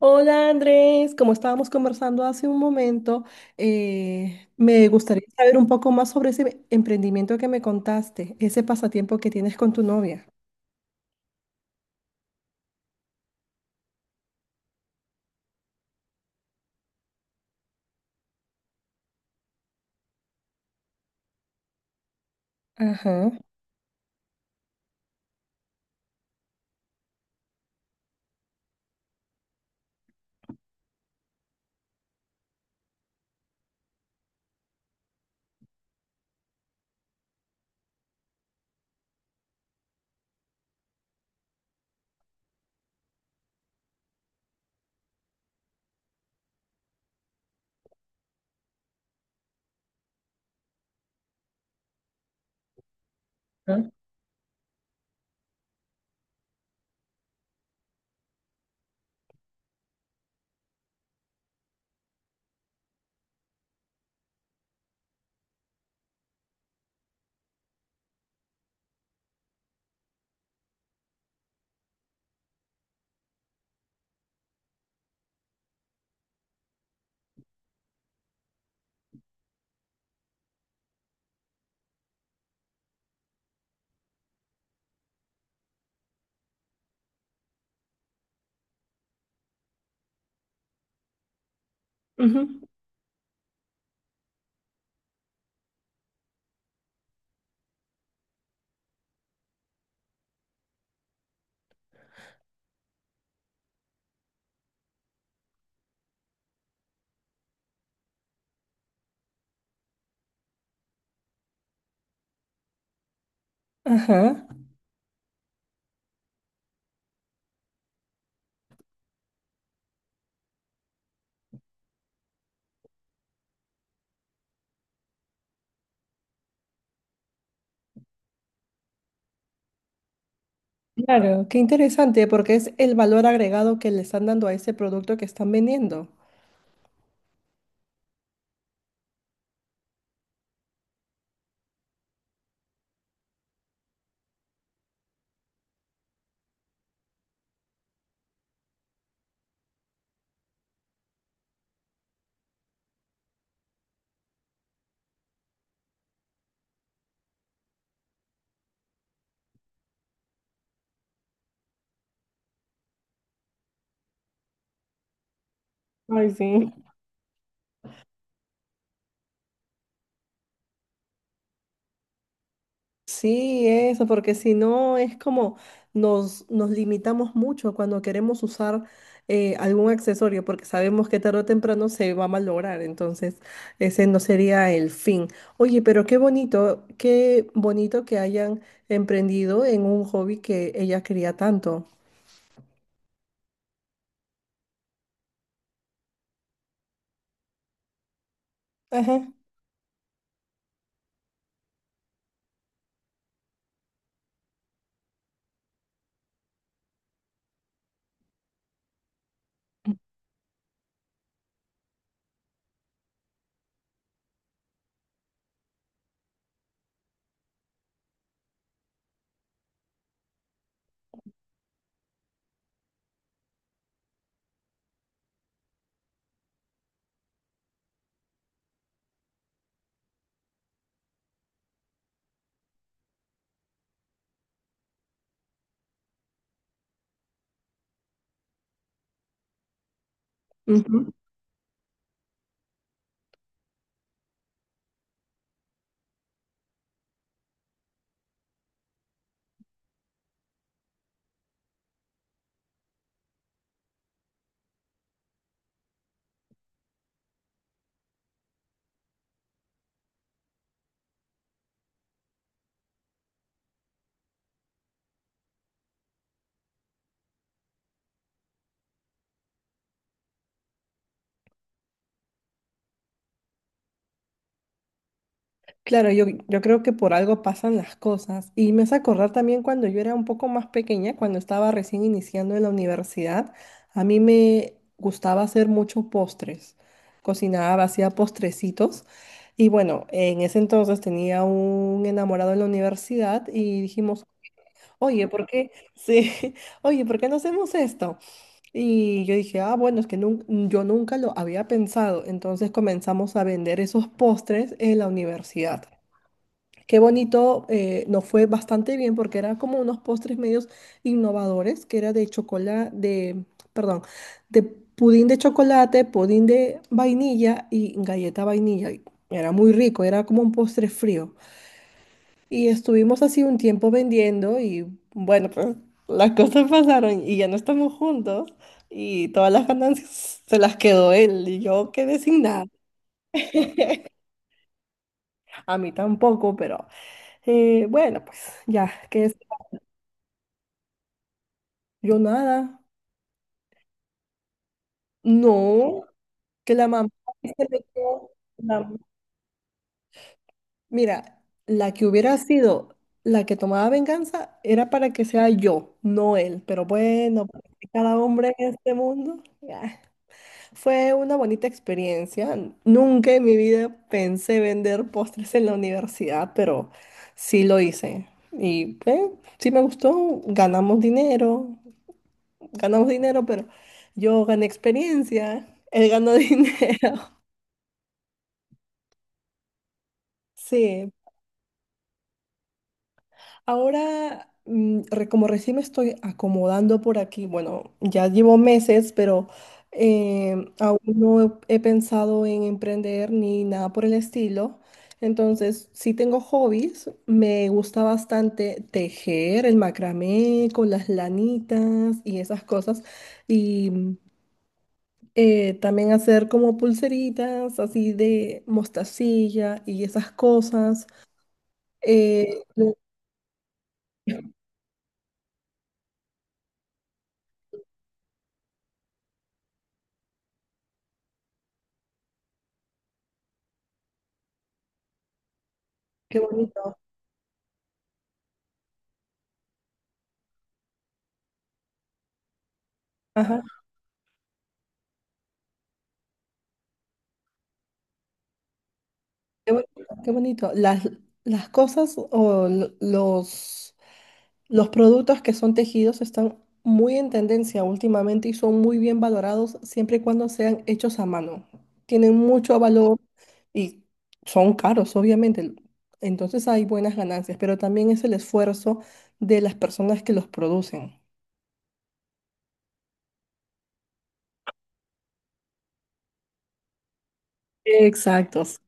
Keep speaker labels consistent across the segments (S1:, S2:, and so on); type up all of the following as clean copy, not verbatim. S1: Hola Andrés, como estábamos conversando hace un momento, me gustaría saber un poco más sobre ese emprendimiento que me contaste, ese pasatiempo que tienes con tu novia. Ajá. Ajá. Ujú. Ajá. Claro, qué interesante, porque es el valor agregado que le están dando a ese producto que están vendiendo. Ay, sí. Sí, eso, porque si no es como nos limitamos mucho cuando queremos usar algún accesorio, porque sabemos que tarde o temprano se va a malograr, entonces ese no sería el fin. Oye, pero qué bonito que hayan emprendido en un hobby que ella quería tanto. Ajá. Claro, yo creo que por algo pasan las cosas. Y me hace acordar también cuando yo era un poco más pequeña, cuando estaba recién iniciando en la universidad, a mí me gustaba hacer muchos postres. Cocinaba, hacía postrecitos. Y bueno, en ese entonces tenía un enamorado en la universidad y dijimos, oye, ¿por qué? Sí, oye, ¿por qué no hacemos esto? Y yo dije, ah, bueno, es que yo nunca lo había pensado. Entonces comenzamos a vender esos postres en la universidad. Qué bonito, nos fue bastante bien porque era como unos postres medios innovadores, que era de chocolate, de, perdón, de pudín de chocolate, pudín de vainilla y galleta vainilla. Y era muy rico, era como un postre frío. Y estuvimos así un tiempo vendiendo y bueno, pues las cosas pasaron y ya no estamos juntos y todas las ganancias se las quedó él y yo quedé sin nada. A mí tampoco, pero bueno, pues ya, que yo nada. No, que la mamá se le quedó- la- mira, la que hubiera sido la que tomaba venganza era para que sea yo, no él. Pero bueno, cada hombre en este mundo. Ah, fue una bonita experiencia. Nunca en mi vida pensé vender postres en la universidad, pero sí lo hice. Y sí me gustó. Ganamos dinero, pero yo gané experiencia. Él ganó dinero. Sí, ahora como recién me estoy acomodando por aquí, bueno, ya llevo meses, pero aún no he pensado en emprender ni nada por el estilo. Entonces, sí tengo hobbies, me gusta bastante tejer, el macramé con las lanitas y esas cosas. Y también hacer como pulseritas así de mostacilla y esas cosas. Eh, lo- Qué bonito. Ajá. Qué bonito, qué bonito. Las cosas o los productos que son tejidos están muy en tendencia últimamente y son muy bien valorados siempre y cuando sean hechos a mano. Tienen mucho valor y son caros, obviamente. Entonces hay buenas ganancias, pero también es el esfuerzo de las personas que los producen. Exactos.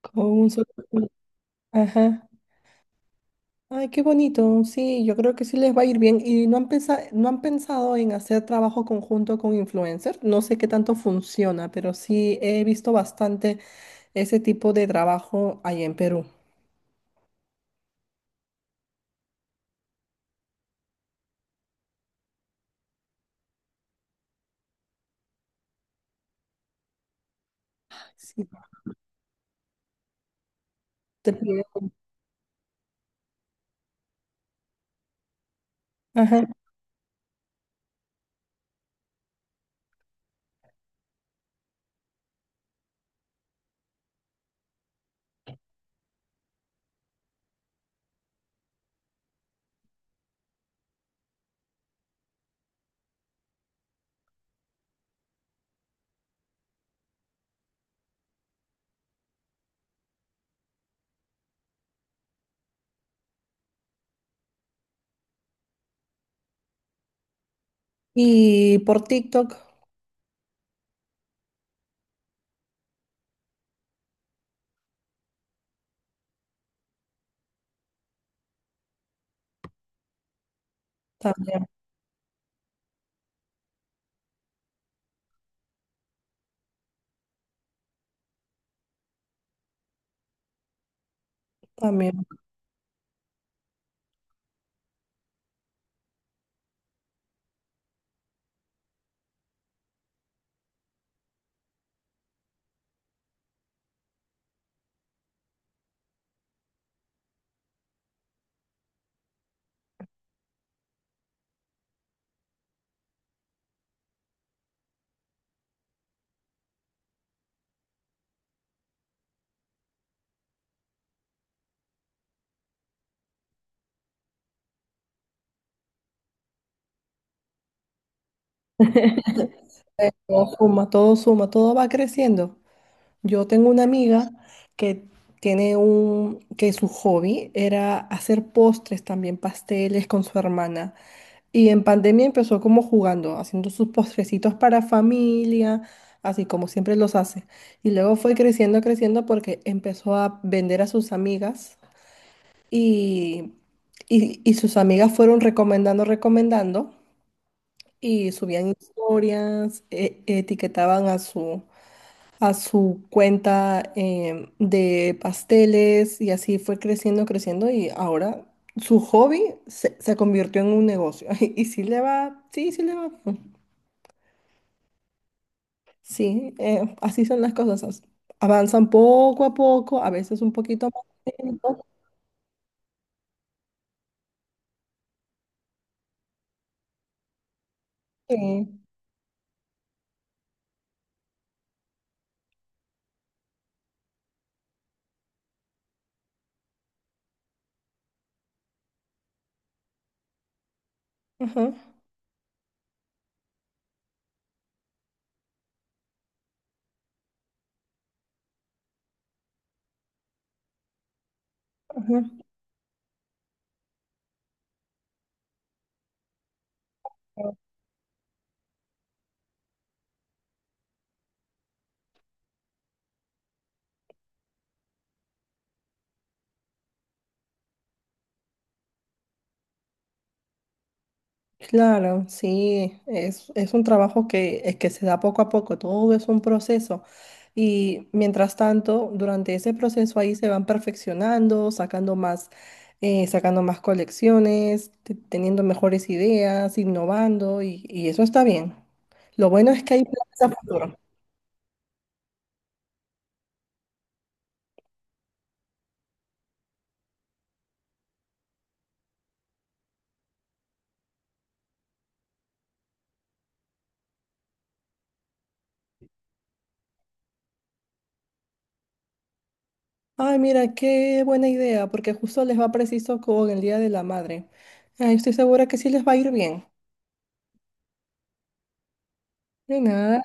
S1: Con un solo... Ajá. Ay, qué bonito. Sí, yo creo que sí les va a ir bien. ¿Y no han pensado en hacer trabajo conjunto con influencers? No sé qué tanto funciona, pero sí he visto bastante ese tipo de trabajo ahí en Perú. Sí, te piden- Ajá. Y por TikTok también, también. Todo suma, todo suma, todo va creciendo. Yo tengo una amiga que tiene un, que su hobby era hacer postres también, pasteles con su hermana. Y en pandemia empezó como jugando, haciendo sus postrecitos para familia, así como siempre los hace. Y luego fue creciendo, creciendo porque empezó a vender a sus amigas y, y sus amigas fueron recomendando, recomendando y subían historias, etiquetaban a a su cuenta de pasteles y así fue creciendo, creciendo y ahora su hobby se convirtió en un negocio. Y, sí le va, sí, sí le va bien. Sí, así son las cosas. As- avanzan poco a poco, a veces un poquito más lento, sí. Ajá, ajá. Claro, sí, es un trabajo que se da poco a poco, todo es un proceso. Y mientras tanto, durante ese proceso ahí se van perfeccionando, sacando más colecciones, teniendo mejores ideas, innovando, y eso está bien. Lo bueno es que hay planes a futuro. Ay, mira, qué buena idea, porque justo les va preciso con el Día de la Madre. Ay, estoy segura que sí les va a ir bien. De nada.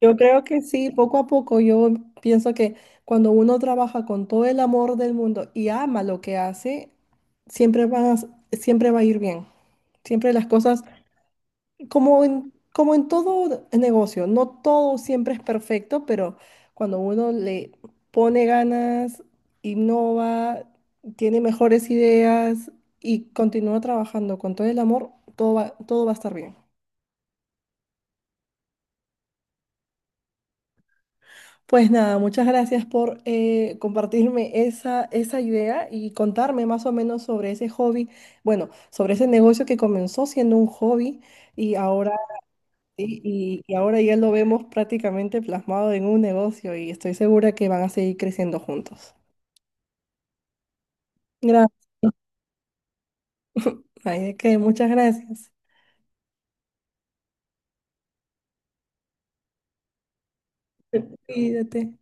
S1: Yo creo que sí, poco a poco yo pienso que cuando uno trabaja con todo el amor del mundo y ama lo que hace, siempre va a, siempre va a ir bien. Siempre las cosas, como en todo negocio, no todo siempre es perfecto, pero cuando uno le pone ganas, innova, tiene mejores ideas y continúa trabajando con todo el amor, todo va a estar bien. Pues nada, muchas gracias por compartirme esa idea y contarme más o menos sobre ese hobby, bueno, sobre ese negocio que comenzó siendo un hobby y ahora, y, y ahora ya lo vemos prácticamente plasmado en un negocio y estoy segura que van a seguir creciendo juntos. Gracias. Ay, de qué, muchas gracias. Cuídate.